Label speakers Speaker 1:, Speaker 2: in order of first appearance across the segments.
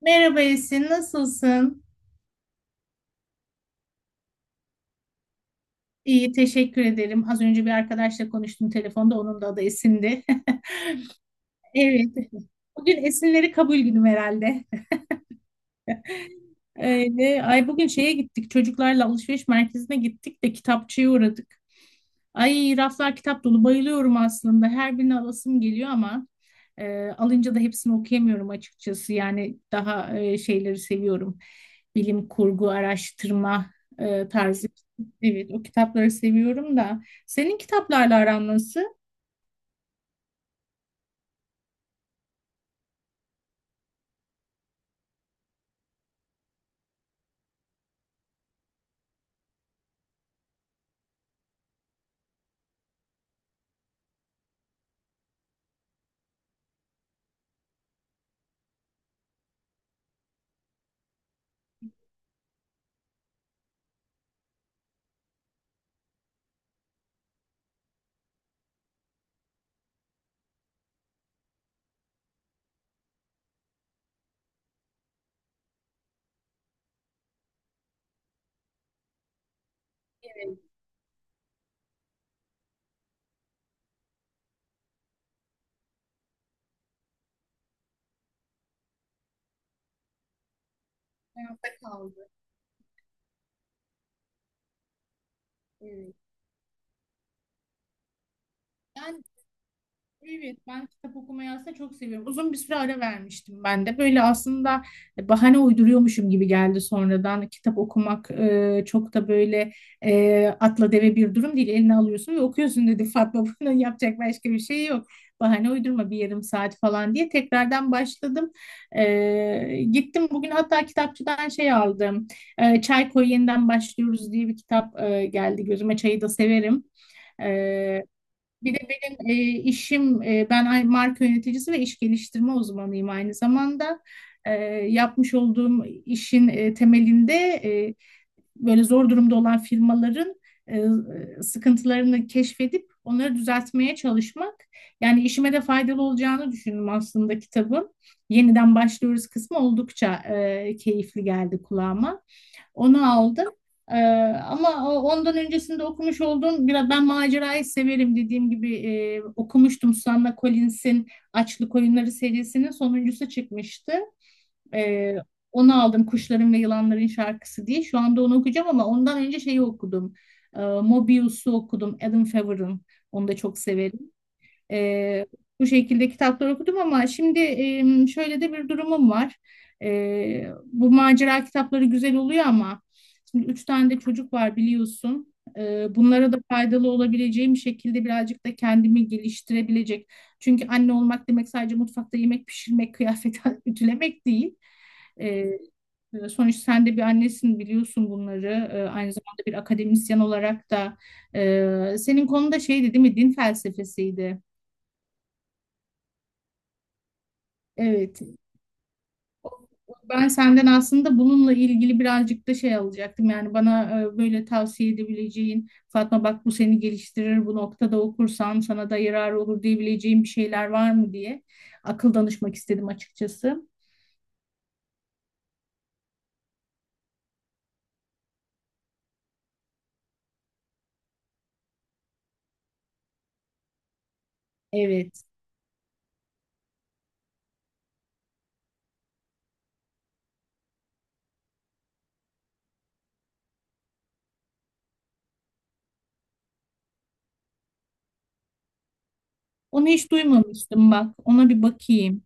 Speaker 1: Merhaba Esin, nasılsın? İyi, teşekkür ederim. Az önce bir arkadaşla konuştum telefonda, onun da adı Esin'di. Evet, bugün Esinleri kabul günüm herhalde. Öyle. Ay bugün şeye gittik, çocuklarla alışveriş merkezine gittik de kitapçıya uğradık. Ay raflar kitap dolu bayılıyorum aslında. Her birini alasım geliyor ama alınca da hepsini okuyamıyorum açıkçası. Yani daha şeyleri seviyorum. Bilim kurgu, araştırma tarzı. Evet, o kitapları seviyorum da. Senin kitaplarla aran nasıl? Hayatta kaldı. Evet. Yani Evet, ben kitap okumayı aslında çok seviyorum. Uzun bir süre ara vermiştim ben de. Böyle aslında bahane uyduruyormuşum gibi geldi sonradan. Kitap okumak çok da böyle atla deve bir durum değil. Eline alıyorsun ve okuyorsun dedi Fatma. Bunun yapacak başka bir şey yok. Bahane uydurma bir yarım saat falan diye tekrardan başladım. Gittim bugün hatta kitapçıdan şey aldım. E, Çay Koy Yeniden Başlıyoruz diye bir kitap geldi gözüme. Çayı da severim. E, Bir de benim işim, e, ben ay- marka yöneticisi ve iş geliştirme uzmanıyım aynı zamanda. E, Yapmış olduğum işin temelinde e, böyle zor durumda olan firmaların e, sıkıntılarını keşfedip onları düzeltmeye çalışmak. Yani işime de faydalı olacağını düşündüm aslında kitabın. Yeniden başlıyoruz kısmı oldukça keyifli geldi kulağıma. Onu aldım. E, Ama ondan öncesinde okumuş olduğum biraz ben macerayı severim dediğim gibi okumuştum Susanna Collins'in Açlık Oyunları serisinin sonuncusu çıkmıştı. Ee, Onu aldım Kuşların ve Yılanların Şarkısı diye. Şu anda onu okuyacağım ama ondan önce şeyi okudum. Mobius'u okudum. Adam Favre'ın. Onu da çok severim. E, Bu şekilde kitaplar okudum ama şimdi şöyle de bir durumum var. Bu macera kitapları güzel oluyor ama şimdi üç tane de çocuk var biliyorsun. Bunlara da faydalı olabileceğim şekilde birazcık da kendimi geliştirebilecek. Çünkü anne olmak demek sadece mutfakta yemek pişirmek, kıyafet ütülemek değil. E, Sonuçta sen de bir annesin biliyorsun bunları. Aynı zamanda bir akademisyen olarak da senin konuda şeydi değil mi? Din felsefesiydi. Evet. Ben senden aslında bununla ilgili birazcık da şey alacaktım. Yani bana böyle tavsiye edebileceğin, Fatma bak bu seni geliştirir, bu noktada okursan sana da yarar olur diyebileceğin bir şeyler var mı diye akıl danışmak istedim açıkçası. Evet. Onu hiç duymamıştım bak. Ona bir bakayım.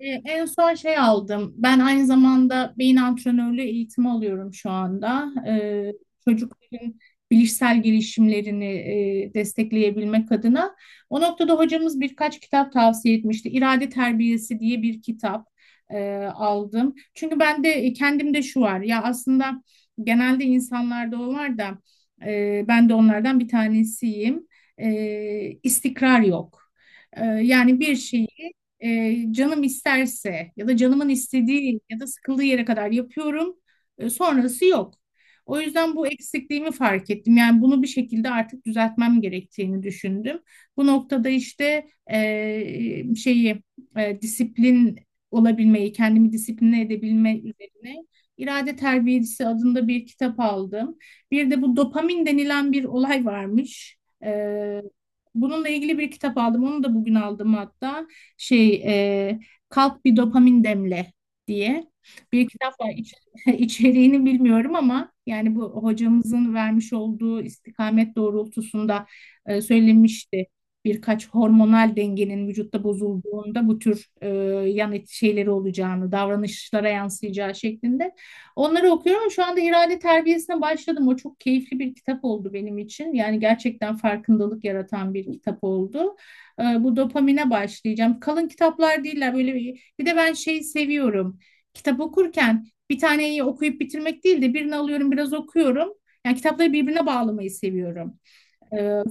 Speaker 1: En son şey aldım. Ben aynı zamanda beyin antrenörlüğü eğitimi alıyorum şu anda. Çocukların bilişsel gelişimlerini destekleyebilmek adına. O noktada hocamız birkaç kitap tavsiye etmişti. İrade Terbiyesi diye bir kitap aldım. Çünkü ben de kendimde şu var. Ya aslında genelde insanlarda o var da ben de onlardan bir tanesiyim. E, istikrar yok. Yani bir şeyi canım isterse ya da canımın istediği ya da sıkıldığı yere kadar yapıyorum. Sonrası yok. O yüzden bu eksikliğimi fark ettim. Yani bunu bir şekilde artık düzeltmem gerektiğini düşündüm. Bu noktada işte şeyi disiplin olabilmeyi, kendimi disipline edebilme üzerine irade terbiyesi adında bir kitap aldım. Bir de bu dopamin denilen bir olay varmış. E, Bununla ilgili bir kitap aldım. Onu da bugün aldım hatta şey e, kalk bir dopamin demle diye bir kitap var. İç- içeriğini bilmiyorum ama yani bu hocamızın vermiş olduğu istikamet doğrultusunda söylemişti. Birkaç hormonal dengenin vücutta bozulduğunda bu tür yan et şeyleri olacağını, davranışlara yansıyacağı şeklinde. Onları okuyorum. Şu anda irade terbiyesine başladım. O çok keyifli bir kitap oldu benim için. Yani gerçekten farkındalık yaratan bir kitap oldu bu dopamine başlayacağım. Kalın kitaplar değiller böyle bir, bir de ben şeyi seviyorum. Kitap okurken bir taneyi okuyup bitirmek değil de birini alıyorum biraz okuyorum. Yani kitapları birbirine bağlamayı seviyorum. E,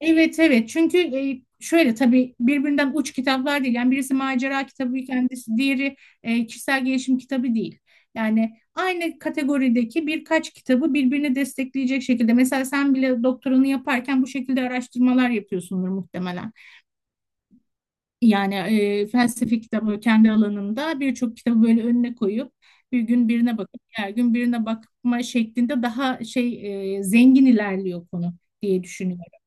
Speaker 1: Evet evet çünkü şöyle tabii birbirinden uç kitaplar değil. Yani birisi macera kitabı kendisi diğeri kişisel gelişim kitabı değil. Yani aynı kategorideki birkaç kitabı birbirini destekleyecek şekilde. Mesela sen bile doktoranı yaparken bu şekilde araştırmalar yapıyorsundur muhtemelen. Yani felsefe kitabı kendi alanımda birçok kitabı böyle önüne koyup bir gün birine bakıp diğer gün birine bakma şeklinde daha şey zengin ilerliyor konu diye düşünüyorum.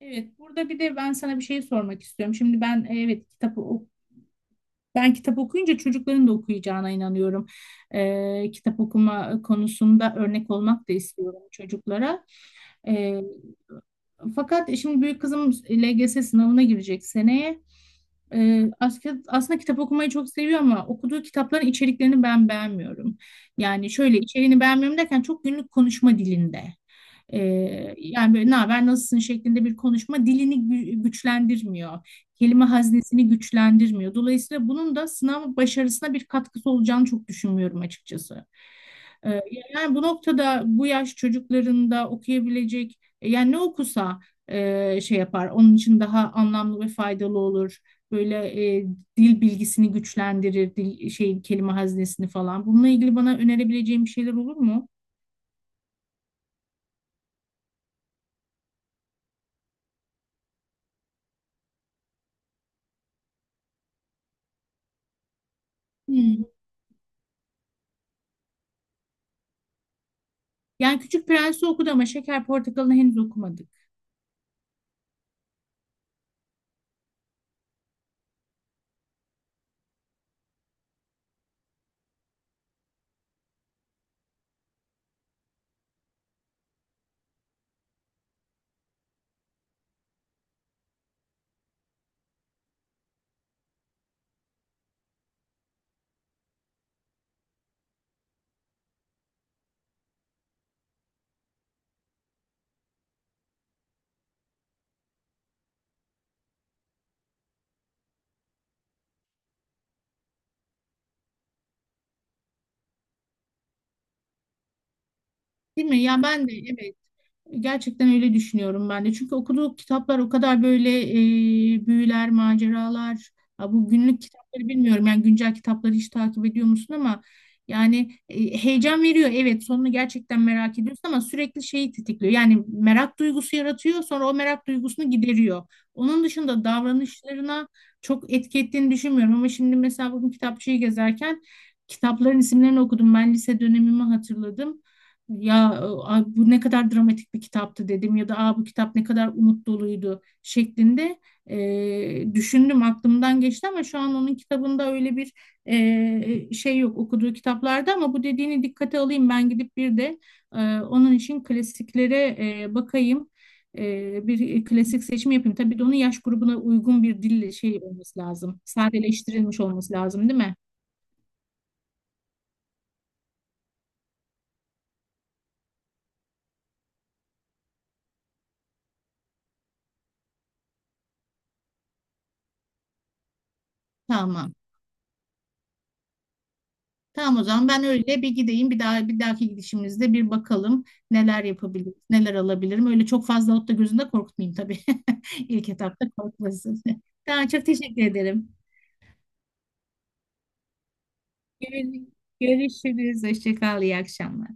Speaker 1: Evet, burada bir de ben sana bir şey sormak istiyorum. Şimdi ben e, evet kitabı ok- ben kitap okuyunca çocukların da okuyacağına inanıyorum. Kitap okuma konusunda örnek olmak da istiyorum çocuklara. E, Fakat şimdi büyük kızım LGS sınavına girecek seneye. Aslında kitap okumayı çok seviyor ama okuduğu kitapların içeriklerini ben beğenmiyorum. Yani şöyle içeriğini beğenmiyorum derken çok günlük konuşma dilinde. Ee, Yani böyle ne haber nasılsın şeklinde bir konuşma dilini gü- güçlendirmiyor. Kelime haznesini güçlendirmiyor. Dolayısıyla bunun da sınav başarısına bir katkısı olacağını çok düşünmüyorum açıkçası. Ee, Yani bu noktada bu yaş çocuklarında okuyabilecek yani ne okusa şey yapar. Onun için daha anlamlı ve faydalı olur. Böyle e, dil bilgisini güçlendirir, dil şey kelime haznesini falan. Bununla ilgili bana önerebileceğim bir şeyler olur mu? Hmm. Yani Küçük Prens'i okudu ama Şeker Portakalı'nı henüz okumadık. Değil mi? Ya ben de evet. Gerçekten öyle düşünüyorum ben de. Çünkü okuduğu kitaplar o kadar böyle büyüler, maceralar. Ha, bu günlük kitapları bilmiyorum. Yani güncel kitapları hiç takip ediyor musun ama yani heyecan veriyor. Evet, sonunu gerçekten merak ediyorsun ama sürekli şeyi tetikliyor. Yani merak duygusu yaratıyor, sonra o merak duygusunu gideriyor. Onun dışında davranışlarına çok etki ettiğini düşünmüyorum. Ama şimdi mesela bugün kitapçıyı gezerken kitapların isimlerini okudum. Ben lise dönemimi hatırladım ya "Aa, bu ne kadar dramatik bir kitaptı" dedim ya da "Aa, bu kitap ne kadar umut doluydu" şeklinde düşündüm aklımdan geçti ama şu an onun kitabında öyle bir şey yok okuduğu kitaplarda ama bu dediğini dikkate alayım ben gidip bir de onun için klasiklere bakayım. Bir klasik seçimi yapayım. Tabii de onun yaş grubuna uygun bir dille şey olması lazım. Sadeleştirilmiş olması lazım, değil mi? Tamam. Tamam o zaman ben öyle bir gideyim. Bir daha bir dahaki gidişimizde bir bakalım neler yapabilirim, neler alabilirim. Öyle çok fazla alıp da gözünde korkutmayayım tabii. İlk etapta korkmasın. Tamam çok teşekkür ederim. Görüş- Görüşürüz. Hoşça kal. İyi akşamlar.